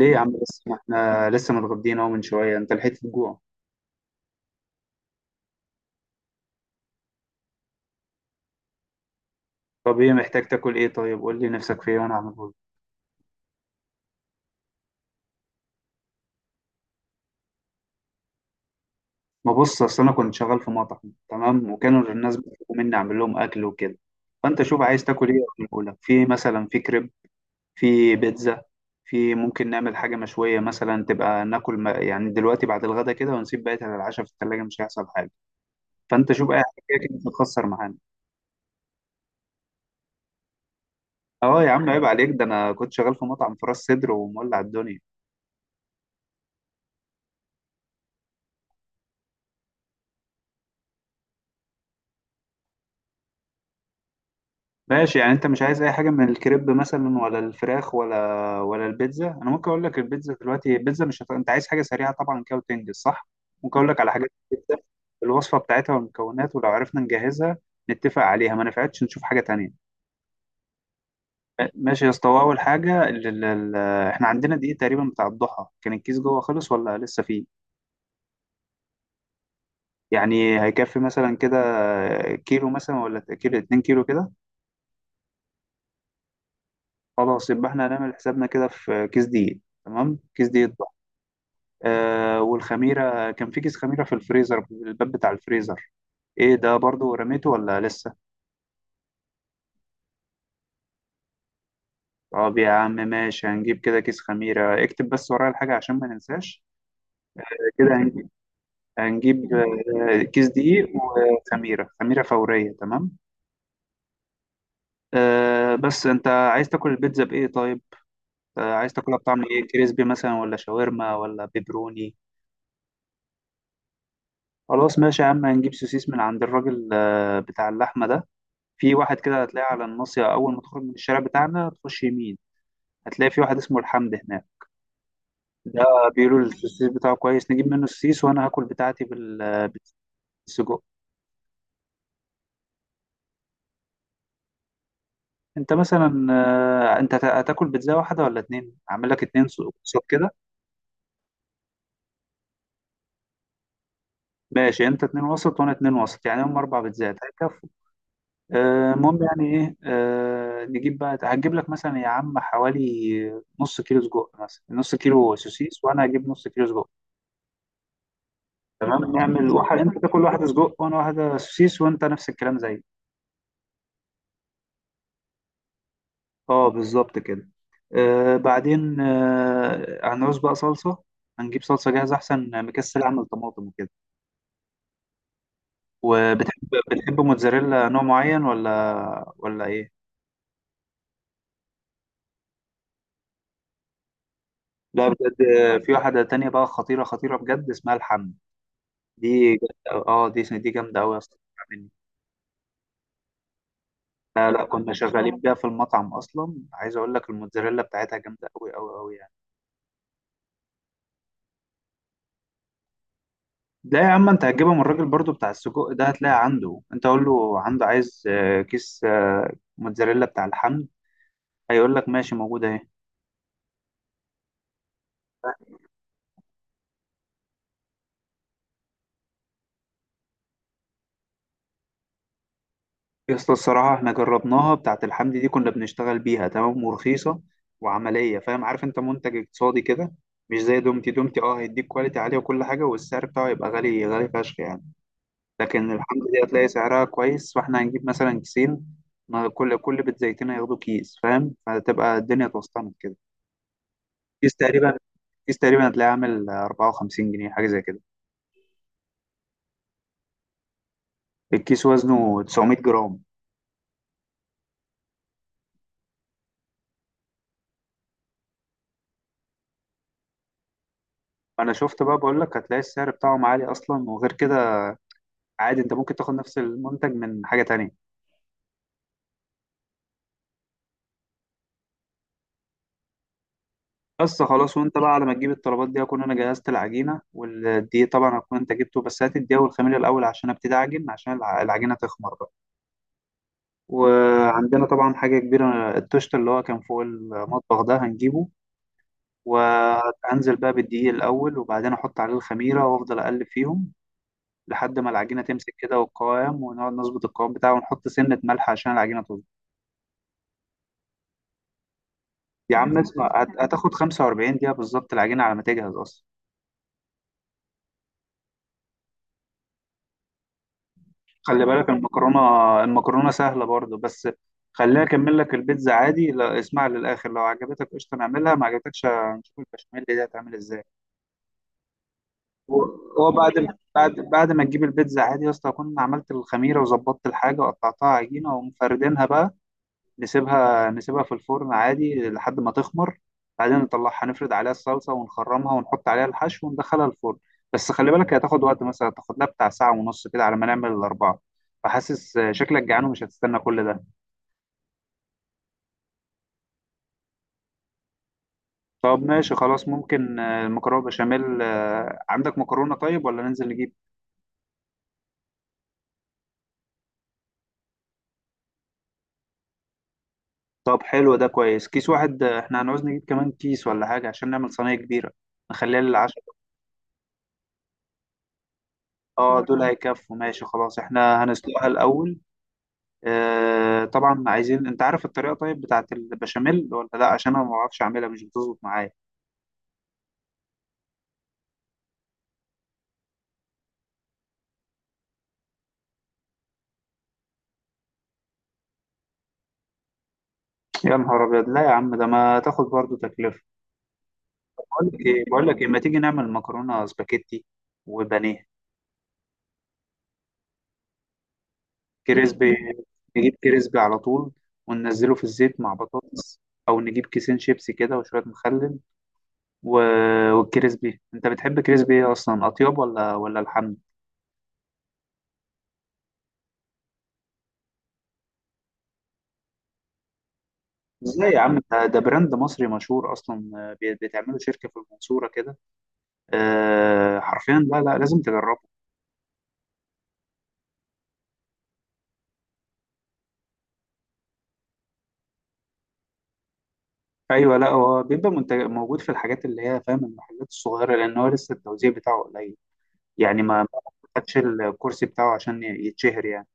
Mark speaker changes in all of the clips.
Speaker 1: ليه يا عم؟ بس ما احنا لسه متغدين اهو من شويه، انت لحقت الجوع؟ طب ايه؟ محتاج تاكل ايه طيب؟ قول لي نفسك في ايه وانا اعمله لك. ما بص، اصل انا كنت شغال في مطعم، تمام، وكانوا الناس بيطلبوا مني اعمل لهم اكل وكده. فانت شوف عايز تاكل ايه. اعمله لك. في مثلا في كريب، في بيتزا، في ممكن نعمل حاجه مشويه مثلا تبقى ناكل، ما يعني دلوقتي بعد الغدا كده، ونسيب بقيتها للعشاء في الثلاجه، مش هيحصل حاجه. فانت شوف اي حاجه. كده تخسر معانا. اه يا عم، عيب عليك، ده انا كنت شغال في مطعم في راس سدر ومولع الدنيا. ماشي، يعني انت مش عايز اي حاجه من الكريب مثلا، ولا الفراخ، ولا البيتزا. انا ممكن اقول لك البيتزا دلوقتي. البيتزا مش هت... انت عايز حاجه سريعه طبعا كده وتنجز، صح؟ ممكن اقول لك على حاجات البيتزا، الوصفه بتاعتها والمكونات، ولو عرفنا نجهزها نتفق عليها، ما نفعتش نشوف حاجه تانية. ماشي يا اسطى، اول حاجه احنا عندنا دقيق تقريبا بتاع الضحى، كان الكيس جوه خلص ولا لسه فيه؟ يعني هيكفي مثلا كده كيلو مثلا، ولا كيلو 2 كيلو كده؟ خلاص، يبقى احنا هنعمل حسابنا كده في كيس دقيق. تمام، كيس دقيق. والخميرة، كان في كيس خميرة في الفريزر، في الباب بتاع الفريزر، ايه ده؟ برضو رميته ولا لسه؟ طب يا عم ماشي، هنجيب كده كيس خميرة. اكتب بس ورايا الحاجة عشان ما ننساش. كده هنجيب كيس دقيق وخميرة، خميرة فورية، تمام. بس انت عايز تاكل البيتزا بايه طيب؟ عايز تاكلها بطعم ايه؟ كريسبي مثلا، ولا شاورما، ولا بيبروني؟ خلاص ماشي يا عم، هنجيب سوسيس من عند الراجل بتاع اللحمة ده. في واحد كده هتلاقيه على الناصية، أول ما تخرج من الشارع بتاعنا تخش يمين. هتلاقي في واحد اسمه الحمد هناك. ده بيقولوا السيس بتاعه كويس، نجيب منه السيس. وأنا هاكل بتاعتي بالسجق. أنت مثلا أنت هتاكل بيتزا واحدة ولا اتنين؟ أعمل لك اتنين وسط كده. ماشي، أنت اتنين وسط وأنا اتنين وسط، يعني هم أربع بيتزات هيكفوا. المهم، يعني إيه نجيب بقى، هتجيب لك مثلا يا عم حوالي نص كيلو سجق، مثلا نص كيلو سوسيس، وأنا هجيب نص كيلو سجق. تمام نعمل واحد، انت تاكل واحده سجق وانا واحده سوسيس، وانت نفس الكلام زي. اه بالظبط كده. بعدين هنعوز بقى صلصه. هنجيب صلصه جاهزه احسن، مكسل اعمل طماطم وكده. وبتحب موتزاريلا نوع معين ولا ايه؟ لا بجد في واحده تانية بقى خطيره خطيره بجد، اسمها الحم. اه دي جامده قوي يا اسطى. مني. لا، لا، كنا شغالين بيها في المطعم اصلا. عايز اقول لك الموتزاريلا بتاعتها جامده قوي قوي قوي. لا يا عم، انت هتجيبها من الراجل برضو بتاع السجق ده، هتلاقي عنده. انت قول له عنده عايز كيس موتزاريلا بتاع الحمد. هيقول لك ماشي، موجودة اهي. يا اسطى الصراحة، احنا جربناها، بتاعة الحمد دي كنا بنشتغل بيها، تمام، ورخيصة. وعملية، فاهم، عارف انت، منتج اقتصادي كده. مش زي دومتي، دومتي اه هيديك كواليتي عالية وكل حاجة، والسعر بتاعه يبقى غالي غالي فشخ يعني. لكن الحمد دي هتلاقي سعرها كويس، فاحنا هنجيب مثلا كيسين. ما كل بيت زيتين هياخدوا كيس، فاهم، فهتبقى الدنيا اتوسطنت كده. الكيس تقريبا الكيس تقريبا هتلاقيه عامل 54 جنيه حاجه زي كده. الكيس وزنه 900 جرام. انا شفت بقى، بقول لك هتلاقي السعر بتاعهم عالي اصلا. وغير كده، عادي انت ممكن تاخد نفس المنتج من حاجه تانية. بس خلاص، وانت بقى على ما تجيب الطلبات دي اكون انا جهزت العجينه. والدقيق طبعا هكون انت جبته، بس هات الدقيق والخميره الاول عشان ابتدي اعجن، عشان العجينه تخمر بقى. وعندنا طبعا حاجه كبيره، التوست اللي هو كان فوق المطبخ ده هنجيبه. وهنزل بقى بالدقيق الأول، وبعدين أحط عليه الخميرة وأفضل أقلب فيهم. لحد ما العجينه تمسك كده والقوام، ونقعد نظبط القوام بتاعه، ونحط سنه ملح عشان العجينه تظبط. يا عم اسمع، هتاخد 45 دقيقه بالظبط العجينه على ما تجهز اصلا. خلي بالك المكرونه. المكرونه سهله برضه بس. خليها اكمل لك البيتزا عادي، لا اسمع للاخر، لو عجبتك قشطه نعملها، ما عجبتكش هنشوف البشاميل دي هتعمل ازاي. هو بعد ما تجيب البيتزا عادي يا اسطى، اكون عملت الخميره وظبطت الحاجه وقطعتها عجينه ومفردينها بقى. نسيبها في الفرن عادي لحد ما تخمر. بعدين نطلعها، نفرد عليها الصلصة ونخرمها ونحط عليها الحشو وندخلها الفرن. بس خلي بالك، هي هتاخد وقت مثلا، تاخد لها بتاع ساعة ونص كده على ما نعمل الأربعة. فحاسس شكلك جعان ومش هتستنى كل ده. طب ماشي خلاص، ممكن المكرونة بشاميل. عندك مكرونة طيب، ولا ننزل نجيب؟ طب حلو ده كويس، كيس واحد احنا هنعوز نجيب كمان كيس ولا حاجة عشان نعمل صينية كبيرة، نخليها للعشاء. اه دول هيكفوا، ماشي خلاص، احنا هنسلقها الأول. طبعا عايزين، انت عارف الطريقه طيب بتاعت البشاميل ولا لا؟ عشان انا ما بعرفش اعملها، مش بتظبط معايا. يا نهار ابيض، لا يا عم، ده ما تاخد برضو تكلفه. بقول لك ايه، ما تيجي نعمل مكرونه سباكيتي وبانيه. كريسبي، نجيب كريسبي على طول، وننزله في الزيت مع بطاطس. او نجيب كيسين شيبسي كده وشويه مخلل و... والكريسبي انت بتحب كريسبي ايه اصلا اطيب، ولا الحمد؟ ازاي يا عم؟ ده براند مصري مشهور اصلا، بتعمله شركه في المنصوره كده. حرفيا لا، لا، لازم تجربه. ايوه، لا هو بيبقى منتج موجود في الحاجات اللي هي، فاهم، المحلات الصغيره، لان هو لسه التوزيع بتاعه قليل. يعني ما خدش الكرسي بتاعه عشان يتشهر يعني.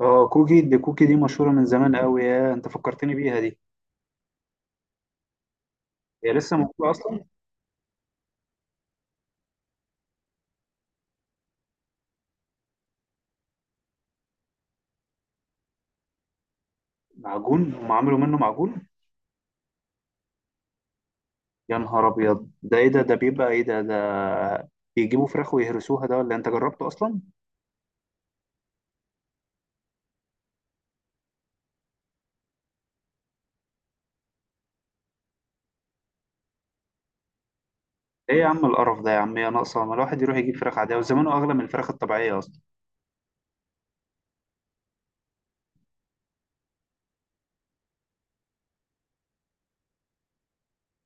Speaker 1: اه كوكي دي مشهوره من زمان قوي، يا انت فكرتني بيها دي. هي لسه موجوده اصلا؟ معجون؟ هم عملوا منه معجون؟ يا نهار ابيض، ده ايه ده بيبقى ايه ده. بيجيبوا فراخ ويهرسوها ده ولا إيه؟ انت جربته اصلا؟ ايه يا عم القرف ده، يا عم يا ناقصه، ما الواحد يروح يجيب فراخ عاديه، وزمانه اغلى من الفراخ الطبيعيه اصلا.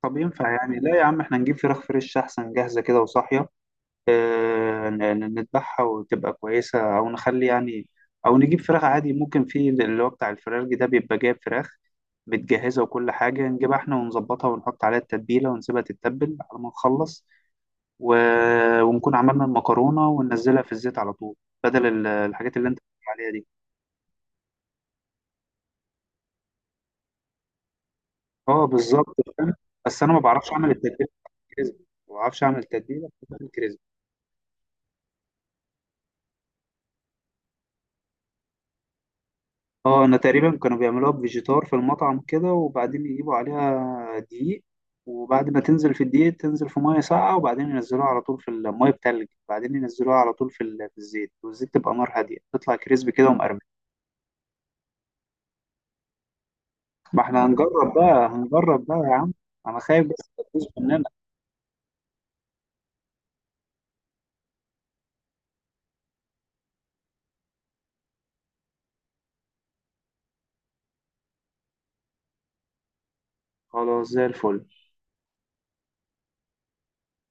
Speaker 1: طب ينفع يعني؟ لا يا عم، احنا نجيب فراخ فريش احسن، جاهزة كده وصاحية. اه، نذبحها وتبقى كويسة، او نخلي يعني. او نجيب فراخ عادي، ممكن في اللي هو بتاع الفراخ ده، بيبقى جايب فراخ متجهزة وكل حاجة، نجيبها احنا ونظبطها ونحط عليها التتبيلة ونسيبها تتبل على ما نخلص. و... ونكون عملنا المكرونة وننزلها في الزيت على طول، بدل الحاجات اللي انت بتقول عليها دي. اه بالظبط، فاهم. بس انا ما بعرفش اعمل التتبيلة بتاعت الكريسبي، ما بعرفش اعمل التتبيلة بتاعت الكريسبي. اه، انا تقريبا كانوا بيعملوها بفيجيتار في المطعم كده، وبعدين يجيبوا عليها دقيق. وبعد ما تنزل في الدقيق، تنزل في ميه ساقعه، وبعدين ينزلوها على طول في الميه بتلج، بعدين ينزلوها على طول في الزيت، والزيت تبقى نار هاديه، تطلع كريسبي كده ومقرمش. ما احنا هنجرب بقى، هنجرب بقى يا عم. انا خايف بس تبوظ مننا. خلاص، زي الفل.